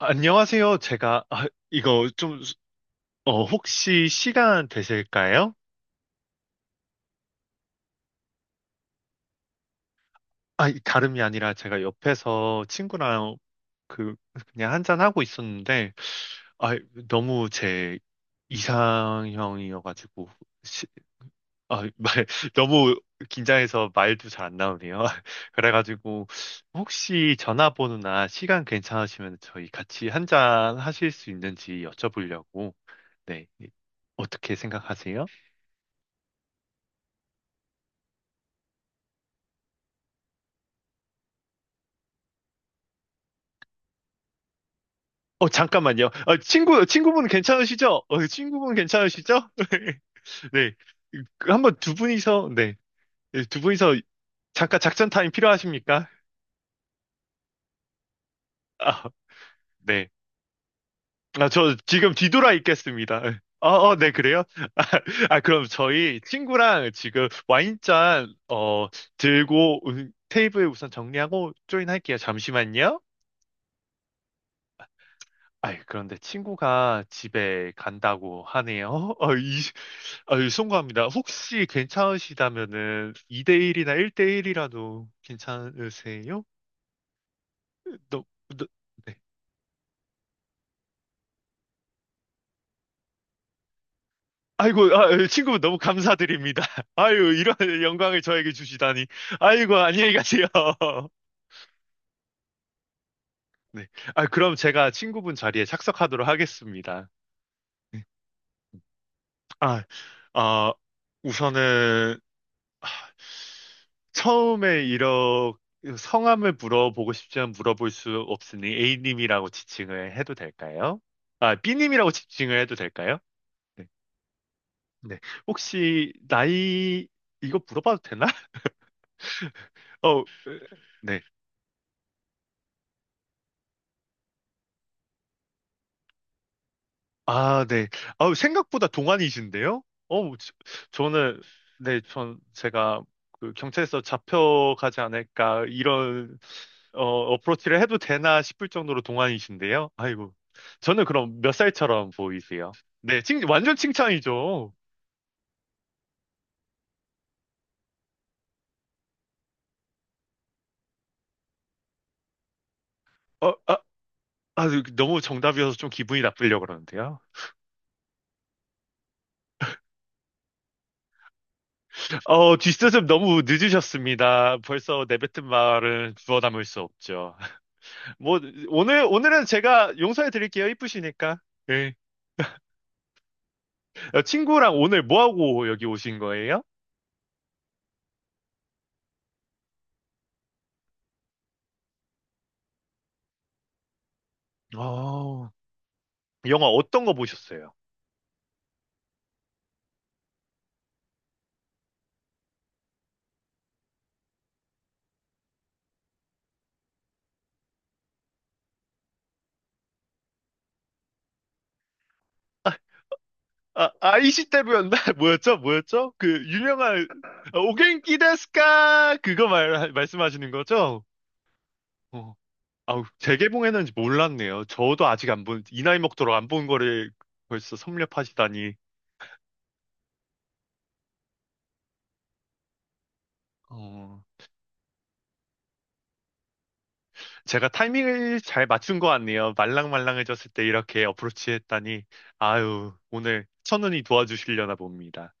안녕하세요. 제가, 아, 이거 좀, 혹시 시간 되실까요? 아, 다름이 아니라 제가 옆에서 친구랑 그, 그냥 한잔하고 있었는데, 아, 너무 제 이상형이어가지고, 시- 아, 말, 너무 긴장해서 말도 잘 안 나오네요. 그래가지고, 혹시 전화번호나 시간 괜찮으시면 저희 같이 한잔 하실 수 있는지 여쭤보려고, 네. 어떻게 생각하세요? 잠깐만요. 친구분 괜찮으시죠? 친구분 괜찮으시죠? 네. 그 한번 두 분이서, 네. 네, 두 분이서 잠깐 작전 타임 필요하십니까? 아, 네. 아, 저 지금 뒤돌아 있겠습니다. 어, 어, 네, 그래요? 아, 아, 그럼 저희 친구랑 지금 와인잔, 어, 들고 테이블 우선 정리하고 조인할게요. 잠시만요. 아이, 그런데 친구가 집에 간다고 하네요. 이, 아유, 송구합니다. 혹시 괜찮으시다면은 2대1이나 1대1이라도 괜찮으세요? 너, 너, 네. 아이고, 아, 예, 친구분 너무 감사드립니다. 아유, 이런 영광을 저에게 주시다니. 아이고, 안녕히 가세요. 네. 아, 그럼 제가 친구분 자리에 착석하도록 하겠습니다. 네. 아, 어, 우선은 처음에 이렇게 성함을 물어보고 싶지만 물어볼 수 없으니 A님이라고 지칭을 해도 될까요? 아, B님이라고 지칭을 해도 될까요? 네. 네. 혹시 나이 이거 물어봐도 되나? 어, 네. 아, 네. 아우, 생각보다 동안이신데요? 어, 저- 저는, 네, 제가, 그, 경찰서 잡혀가지 않을까, 이런, 어, 어프로치를 해도 되나 싶을 정도로 동안이신데요? 아이고. 저는 그럼 몇 살처럼 보이세요? 네, 완전 칭찬이죠. 어, 아, 아, 그 너무 정답이어서 좀 기분이 나쁘려고 그러는데요. 어, 뒷수습 너무 늦으셨습니다. 벌써 내뱉은 말은 주워 담을 수 없죠. 뭐, 오늘은 제가 용서해 드릴게요. 이쁘시니까. 예. 어, 친구랑 오늘 뭐 하고 여기 오신 거예요? 아, 영화 어떤 거 보셨어요? 아, 아이시때부였나 뭐였죠? 뭐였죠? 그 유명한 아, 오겐키 데스까? 그거 말씀하시는 거죠? 어. 아우, 재개봉했는지 몰랐네요. 저도 아직 안 본, 이 나이 먹도록 안 본 거를 벌써 섭렵하시다니. 어. 제가 타이밍을 잘 맞춘 것 같네요. 말랑말랑해졌을 때 이렇게 어프로치 했다니. 아유, 오늘 천운이 도와주시려나 봅니다.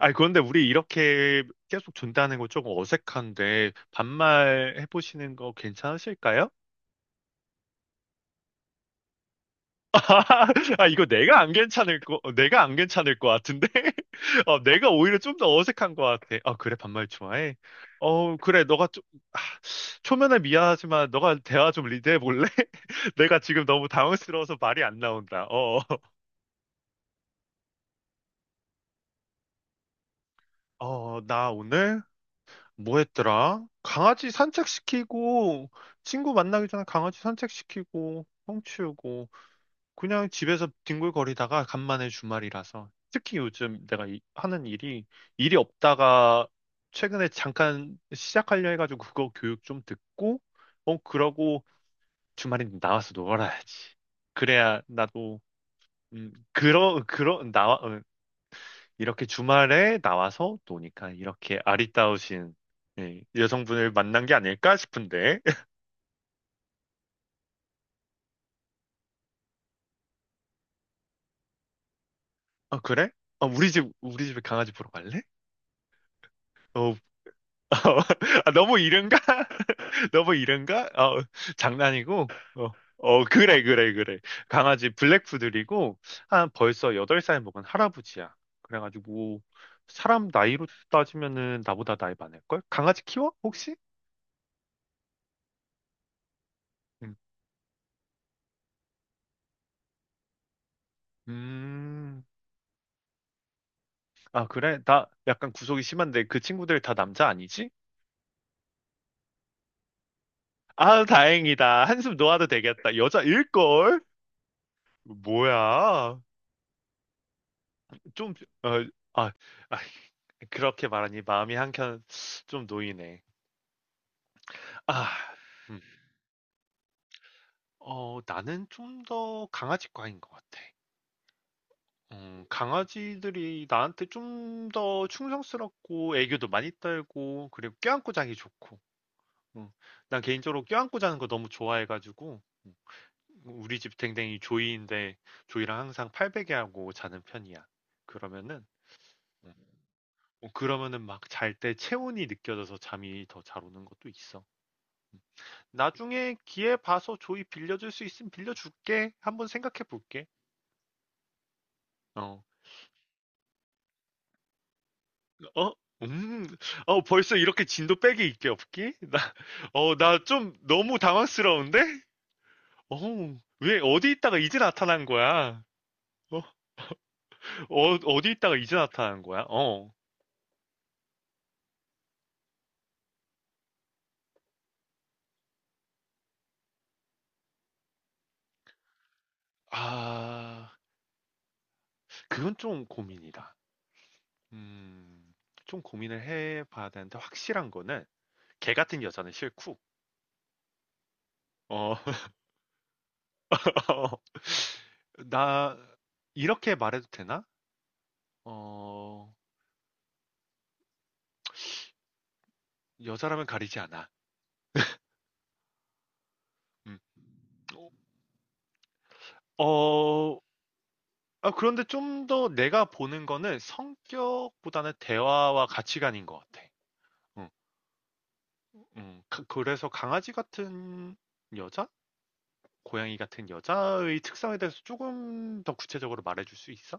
아니, 그런데 우리 이렇게 계속 준다는 거 조금 어색한데, 반말 해보시는 거 괜찮으실까요? 아, 이거 내가 안 괜찮을 거, 어, 내가 안 괜찮을 것 같은데? 어, 내가 오히려 좀 더 어색한 것 같아. 아, 그래, 반말 좋아해? 어, 그래, 너가 좀, 아, 초면에 미안하지만, 너가 대화 좀 리드해 볼래? 내가 지금 너무 당황스러워서 말이 안 나온다. 어, 어, 어, 나 오늘 뭐 했더라? 강아지 산책시키고, 친구 만나기 전에 강아지 산책시키고, 똥치우고, 그냥 집에서 뒹굴거리다가 간만에 주말이라서. 특히 요즘 내가 하는 일이 없다가 최근에 잠깐 시작하려 해가지고 그거 교육 좀 듣고, 어, 그러고 주말에 나와서 놀아야지. 그래야 나도, 나, 이렇게 주말에 나와서 노니까 이렇게 아리따우신 예, 여성분을 만난 게 아닐까 싶은데. 아, 그래? 아, 우리 집에 강아지 보러 갈래? 어, 아, 너무 이른가? 너무 이른가? 어, 장난이고. 어, 어, 그래, 그래, 그래. 강아지 블랙푸들이고, 한 벌써 8살 먹은 할아버지야. 그래가지고, 사람 나이로 따지면은 나보다 나이 많을걸? 강아지 키워? 혹시? 응. 음, 아, 그래? 나 약간 구속이 심한데 그 친구들 다 남자 아니지? 아, 다행이다. 한숨 놓아도 되겠다. 여자일걸? 뭐야? 좀, 어, 아, 아, 그렇게 말하니 마음이 한켠 좀 놓이네. 아, 음. 어, 나는 좀 더 강아지과인 것 같아. 강아지들이 나한테 좀 더 충성스럽고 애교도 많이 떨고 그리고 껴안고 자기 좋고. 음, 난 개인적으로 껴안고 자는 거 너무 좋아해가지고. 뭐 우리 집 댕댕이 조이인데 조이랑 항상 팔베개 하고 자는 편이야. 그러면은 음. 어, 그러면은 막 잘 때 체온이 느껴져서 잠이 더 잘 오는 것도 있어. 음. 나중에 기회 봐서 조이 빌려줄 수 있으면 빌려줄게. 한번 생각해 볼게. 어, 어, 음, 어 벌써 이렇게 진도 빼기 있게 없기? 나, 어, 나 좀 너무 당황스러운데? 어, 왜 어디 있다가 이제 나타난 거야? 어, 어 어디 있다가 이제 나타난 거야? 어, 아. 그건 좀 고민이다. 음. 좀 고민을 해 봐야 되는데 확실한 거는 걔 같은 여자는 싫고 어 나 이렇게 말해도 되나? 어 여자라면 가리지 않아. 음. 어 아 그런데 좀 더 내가 보는 거는 성격보다는 대화와 가치관인 것 같아. 음. 음. 그 그래서 강아지 같은 여자? 고양이 같은 여자의 특성에 대해서 조금 더 구체적으로 말해 줄 수 있어?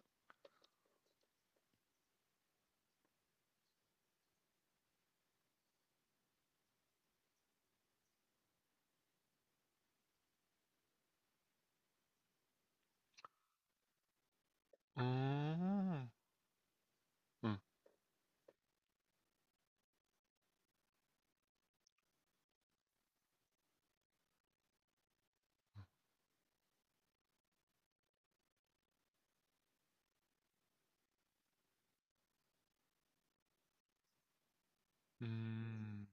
어, 음, 음,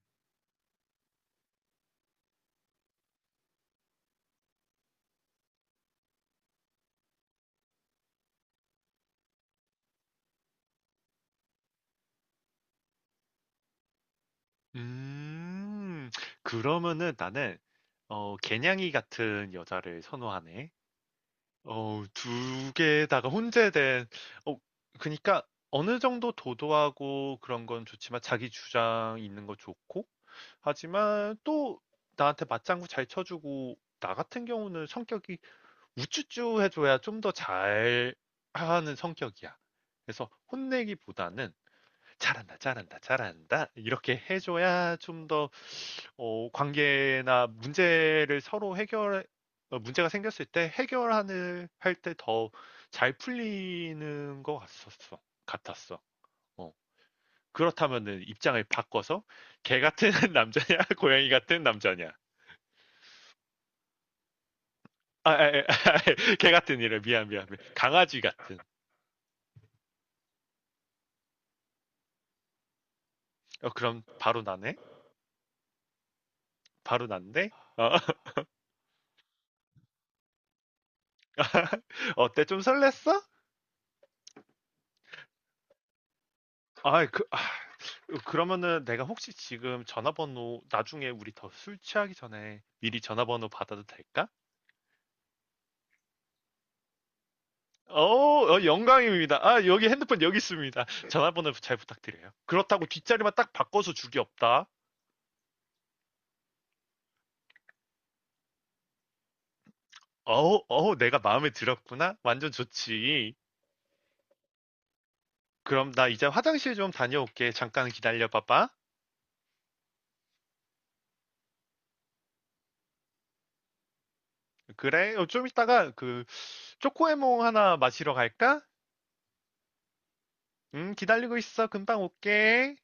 음. 그러면은 나는, 어, 개냥이 같은 여자를 선호하네. 어, 두 개다가 혼재된, 어, 그니까 어느 정도 도도하고 그런 건 좋지만 자기 주장 있는 거 좋고, 하지만 또 나한테 맞장구 잘 쳐주고, 나 같은 경우는 성격이 우쭈쭈 해줘야 좀 더 잘 하는 성격이야. 그래서 혼내기보다는 잘한다, 잘한다, 잘한다. 이렇게 해줘야 좀 더, 어, 관계나 문제를 서로 문제가 생겼을 때 할 때 더 잘 풀리는 것 같았어. 같았어. 어. 그렇다면은 입장을 바꿔서 개 같은 남자냐, 고양이 같은 남자냐. 아, 아, 아, 개 같은 이래. 미안, 미안, 미안. 강아지 같은. 어, 그럼 바로 나네? 바로 난데? 어, 어때? 좀 설렜어? 아, 그, 아, 그러면은 내가 혹시 지금 전화번호 나중에 우리 더 술 취하기 전에 미리 전화번호 받아도 될까? 어, 어, 영광입니다. 아, 여기 핸드폰 여기 있습니다. 전화번호 잘 부탁드려요. 그렇다고 뒷자리만 딱 바꿔서 주기 없다. 어우, 어우, 내가 마음에 들었구나. 완전 좋지. 그럼 나 이제 화장실 좀 다녀올게. 잠깐 기다려봐봐. 그래, 어, 좀 이따가 그 초코에몽 하나 마시러 갈까? 기다리고 있어. 금방 올게.